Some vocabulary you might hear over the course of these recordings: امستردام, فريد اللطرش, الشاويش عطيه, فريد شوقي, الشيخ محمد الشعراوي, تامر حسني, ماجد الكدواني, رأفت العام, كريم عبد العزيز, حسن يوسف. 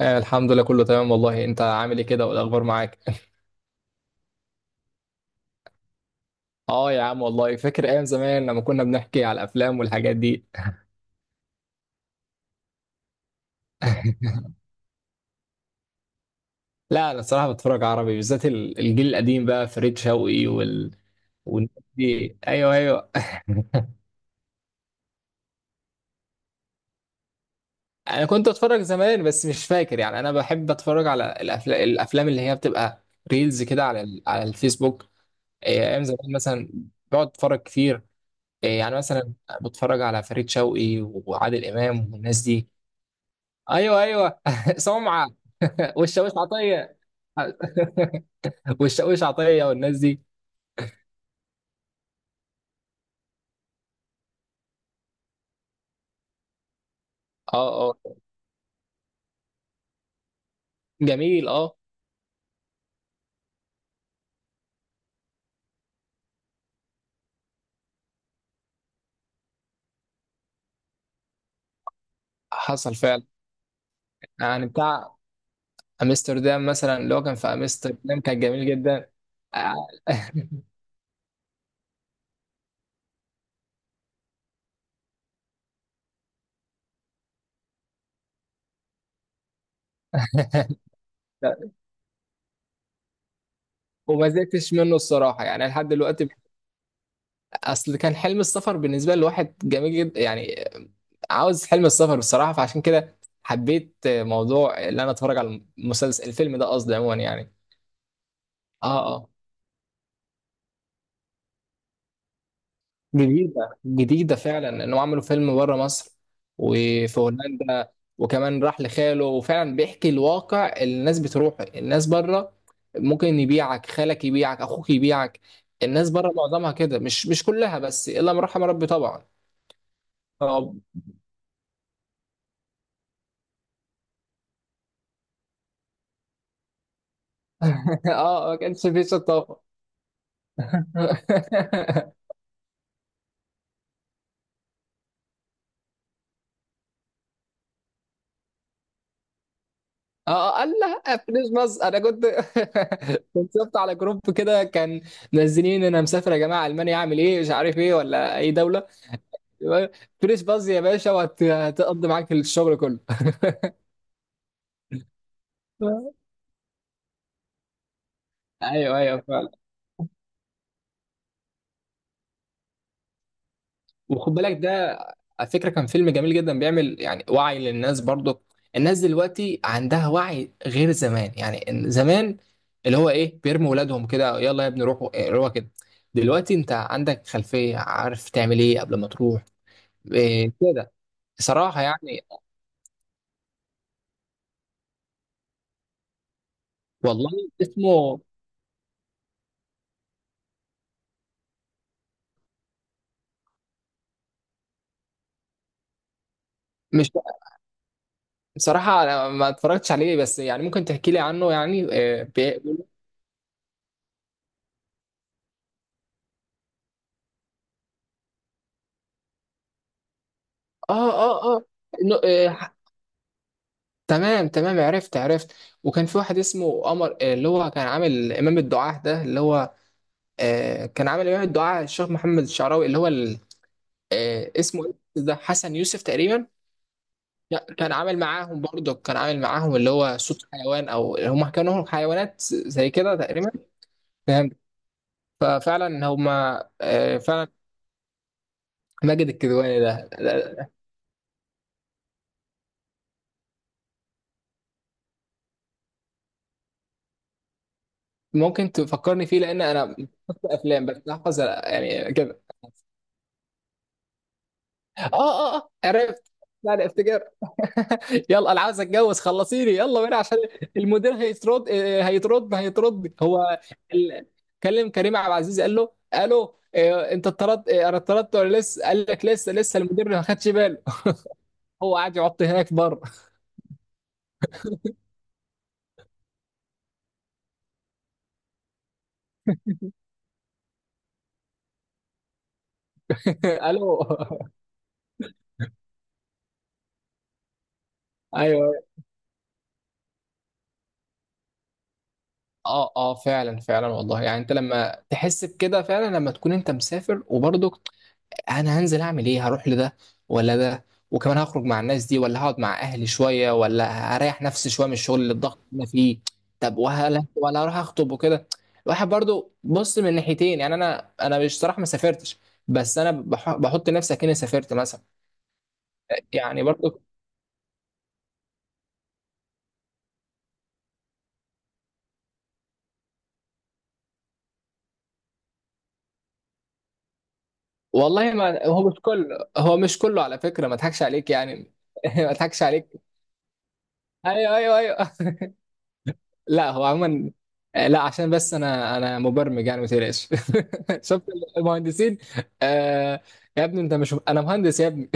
آه، الحمد لله كله تمام والله انت عامل ايه كده والاخبار معاك. اه يا عم والله فاكر ايام زمان لما كنا بنحكي على الافلام والحاجات دي. لا انا الصراحه بتفرج عربي بالذات الجيل القديم بقى فريد شوقي والناس دي، ايوه ايوه. انا كنت اتفرج زمان بس مش فاكر، يعني انا بحب اتفرج على الافلام اللي هي بتبقى ريلز كده على الفيسبوك. ايام زمان مثلا بقعد اتفرج كتير، يعني مثلا بتفرج على فريد شوقي وعادل امام والناس دي، ايوه ايوه. سمعه، والشاويش عطيه. والشاويش عطيه والناس دي. اه اه جميل اه، حصل فعلا. يعني بتاع امستردام مثلا، اللي هو كان في امستردام كان جميل جدا. آه. وما زهقتش منه الصراحه يعني لحد دلوقتي. اصل كان حلم السفر بالنسبه لواحد جميل جدا يعني، عاوز حلم السفر بصراحه، فعشان كده حبيت موضوع ان انا اتفرج على المسلسل، الفيلم ده قصدي عموما يعني. اه آه. جديدة جديدة فعلا انهم عملوا فيلم بره مصر، وفي هولندا، وكمان راح لخاله، وفعلا بيحكي الواقع اللي الناس بتروح، الناس بره ممكن يبيعك خالك، يبيعك اخوك، يبيعك. الناس بره معظمها كده، مش كلها بس، الا من رحم ربي طبعا. طب. اه ما كانش في شطافة. اه قال لا، فلوس مصر انا كنت. كنت شفت على جروب كده كان منزلين انا مسافر يا جماعه المانيا، اعمل ايه؟ مش عارف ايه ولا اي دوله. فلوس باظ يا باشا، وهتقضي معاك الشغل كله. ايوه ايوه فعلا. وخد بالك ده، على فكره كان فيلم جميل جدا، بيعمل يعني وعي للناس برضو. الناس دلوقتي عندها وعي غير زمان، يعني إن زمان اللي هو ايه، بيرموا ولادهم كده، يلا يا ابني روحوا، روحوا كده. دلوقتي انت عندك خلفيه، عارف تعمل ايه قبل ما تروح. إيه كده بصراحه يعني. والله. اسمه. مش. بصراحه انا ما اتفرجتش عليه، بس يعني ممكن تحكي لي عنه يعني إيه. اه اه اه. إنه- آه، ح- تمام تمام، عرفت عرفت. وكان في واحد اسمه قمر، اللي هو كان عامل امام الدعاة ده، اللي هو كان عامل امام الدعاة الشيخ محمد الشعراوي، اللي هو اسمه إيه ده، حسن يوسف تقريبا. لا، كان عامل معاهم برضه، كان عامل معاهم اللي هو صوت حيوان، او هم كانوا حيوانات زي كده تقريبا. فهمت، ففعلا هم فعلا. ماجد الكدواني ده، ممكن تفكرني فيه لان انا افلام بس أحفظ يعني كده. اه اه اه، عرفت. يعني افتكر. يلا انا عاوز اتجوز، خلصيني يلا بينا، عشان المدير هيترد آه، هيترد هيترد هو ال... كلم كريم عبد العزيز، قال له الو، انت اتطردت ولا لسه؟ قال لك لسه لسه، المدير ما خدش باله. هو قاعد يعط هناك بره. الو. ايوه. اه اه فعلا فعلا، والله يعني انت لما تحس بكده فعلا، لما تكون انت مسافر وبرضه انا هنزل اعمل ايه، هروح لده ولا ده، وكمان هخرج مع الناس دي ولا هقعد مع اهلي شويه، ولا هريح نفسي شويه من الشغل، اللي الضغط اللي انا فيه، طب وهلا ولا اروح اخطب وكده. الواحد برضو بص من ناحيتين، يعني انا مش صراحه ما سافرتش، بس انا بحط نفسي كأني سافرت مثلا، يعني برضو. والله ما هو مش كله، هو مش كله على فكره، ما اضحكش عليك يعني. ما اضحكش عليك. ايوه ايوه ايوه. لا هو عموما لا عشان بس انا مبرمج يعني، ما تقلقش. شفت المهندسين. آه. يا ابني انت مش، انا مهندس يا ابني.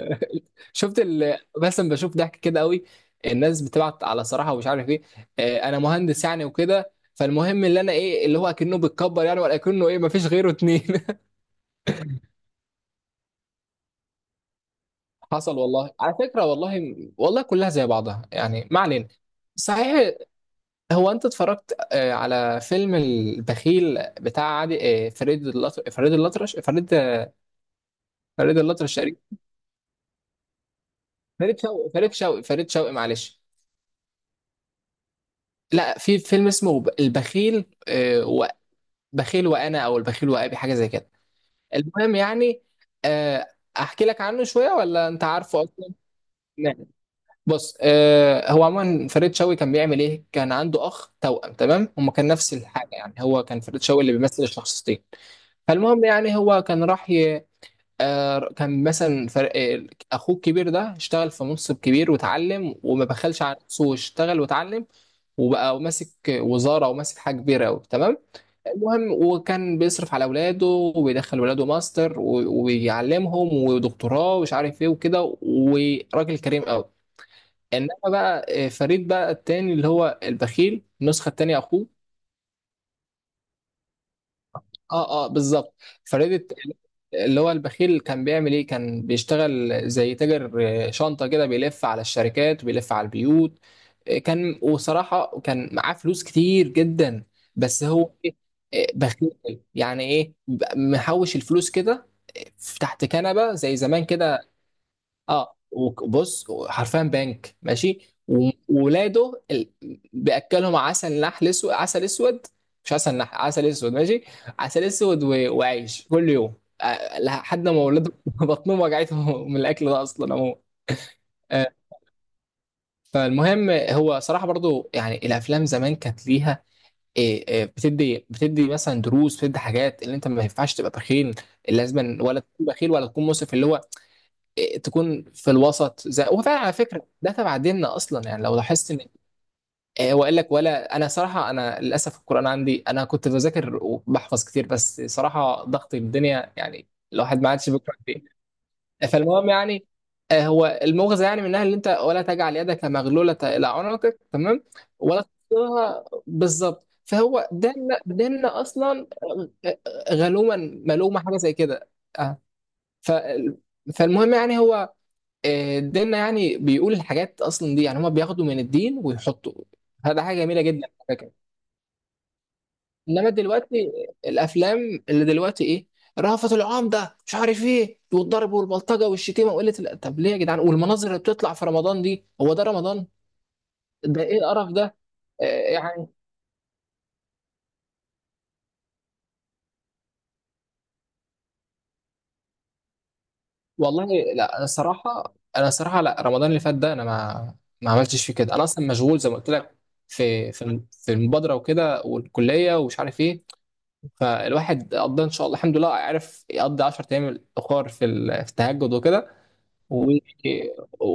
شفت بس أنا بشوف ضحك كده قوي، الناس بتبعت على صراحه ومش عارف ايه. انا مهندس يعني وكده، فالمهم اللي انا ايه، اللي هو اكنه بيتكبر يعني ولا اكنه ايه، ما فيش غيره اتنين. حصل والله على فكره، والله والله كلها زي بعضها يعني، ما علينا. صحيح، هو انت اتفرجت على فيلم البخيل بتاع عادي، فريد اللطرش فريد اللطرش تقريبا، فريد شوقي معلش. لا في فيلم اسمه البخيل، بخيل وانا، او البخيل وابي، حاجه زي كده. المهم يعني آه، احكي لك عنه شويه ولا انت عارفه اصلا؟ نعم. بص، هو عموما فريد شوقي كان بيعمل ايه، كان عنده اخ توأم تمام، هما كان نفس الحاجه، يعني هو كان فريد شوقي اللي بيمثل الشخصيتين. فالمهم يعني هو كان راح كان مثلا فرق، اخوه الكبير ده اشتغل في منصب كبير، واتعلم، وما بخلش على نفسه، واشتغل واتعلم، وبقى ماسك وزاره وماسك حاجه كبيره قوي تمام. المهم وكان بيصرف على اولاده، وبيدخل ولاده ماستر وبيعلمهم ودكتوراه ومش عارف ايه وكده، وراجل كريم قوي. انما بقى فريد بقى التاني، اللي هو البخيل، النسخه التانيه، اخوه. اه اه بالظبط. فريدت اللي هو البخيل كان بيعمل ايه، كان بيشتغل زي تاجر، شنطة كده، بيلف على الشركات وبيلف على البيوت، كان، وصراحة كان معاه فلوس كتير جدا. بس هو إيه؟ بخيل، يعني ايه، محوش الفلوس كده، آه، تحت كنبة زي زمان كده. اه وبص، حرفيا بنك ماشي. وولاده بياكلهم عسل نحل اسود، عسل اسود، مش عسل نحل، عسل اسود ماشي، عسل اسود وعيش كل يوم، لحد ما ولاده بطنهم وجعتهم من الاكل ده اصلا عموما. آه، فالمهم هو صراحه برضو، يعني الافلام زمان كانت ليها إيه إيه بتدي مثلا دروس، بتدي حاجات، اللي انت ما ينفعش تبقى بخيل لازما، ولا تكون بخيل ولا تكون مسرف، اللي هو تكون في الوسط. زي هو فعلا على فكره، ده تبع ديننا اصلا، يعني لو لاحظت ان هو قال لك، ولا انا صراحه، انا للاسف القران عندي، انا كنت بذاكر وبحفظ كتير، بس صراحه ضغط الدنيا، يعني الواحد ما عادش بيقرا كتير. فالمهم يعني هو المغزى يعني منها، اللي انت ولا تجعل يدك مغلوله الى عنقك تمام، ولا تقصرها بالظبط. فهو ديننا، ديننا اصلا غلوما، ملومه، حاجه زي كده. آه. ف- فالمهم يعني هو ديننا يعني بيقول الحاجات اصلا دي، يعني هما بياخدوا من الدين ويحطوا، هذا حاجه جميله جدا على فكره. انما دلوقتي الافلام اللي دلوقتي ايه، رأفت العام ده مش عارف ايه، والضرب والبلطجه والشتيمه وقله طب ليه يا جدعان، والمناظر اللي بتطلع في رمضان دي، هو ده رمضان؟ ده ايه القرف ده، آه، يعني والله. لا انا الصراحه، انا الصراحه لا، رمضان اللي فات ده انا ما عملتش فيه كده، انا اصلا مشغول زي ما قلت لك، في المبادره وكده، والكليه ومش عارف ايه. فالواحد قضى ان شاء الله الحمد لله، عرف يقضي 10 ايام الاخر في التهجد وكده، و... و...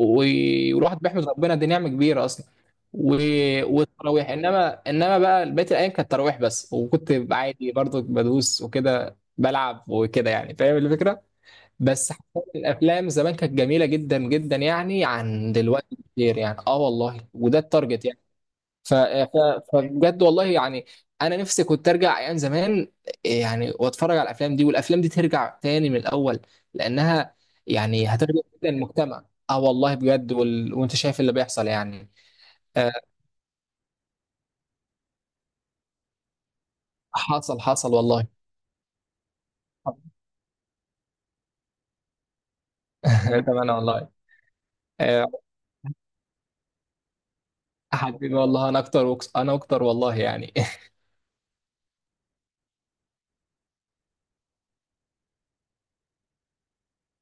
والواحد بيحمد ربنا، دي نعمه كبيره اصلا، و... والتراويح. انما بقى بقيه الايام كانت تراويح بس، وكنت عادي برضو بدوس وكده، بلعب وكده يعني، فاهم الفكره. بس حسيت الافلام زمان كانت جميله جدا جدا يعني عن دلوقتي كتير يعني، اه والله، وده التارجت. ف... ف... فبجد والله يعني انا نفسي كنت ارجع ايام زمان، يعني واتفرج على الافلام دي، والافلام دي ترجع تاني من الاول، لانها يعني هتخدم جدا المجتمع، اه والله بجد، وانت شايف اللي بيحصل يعني. آه، حصل حصل والله. تمام والله. آه حبيبي والله انا اكتر، انا اكتر والله يعني.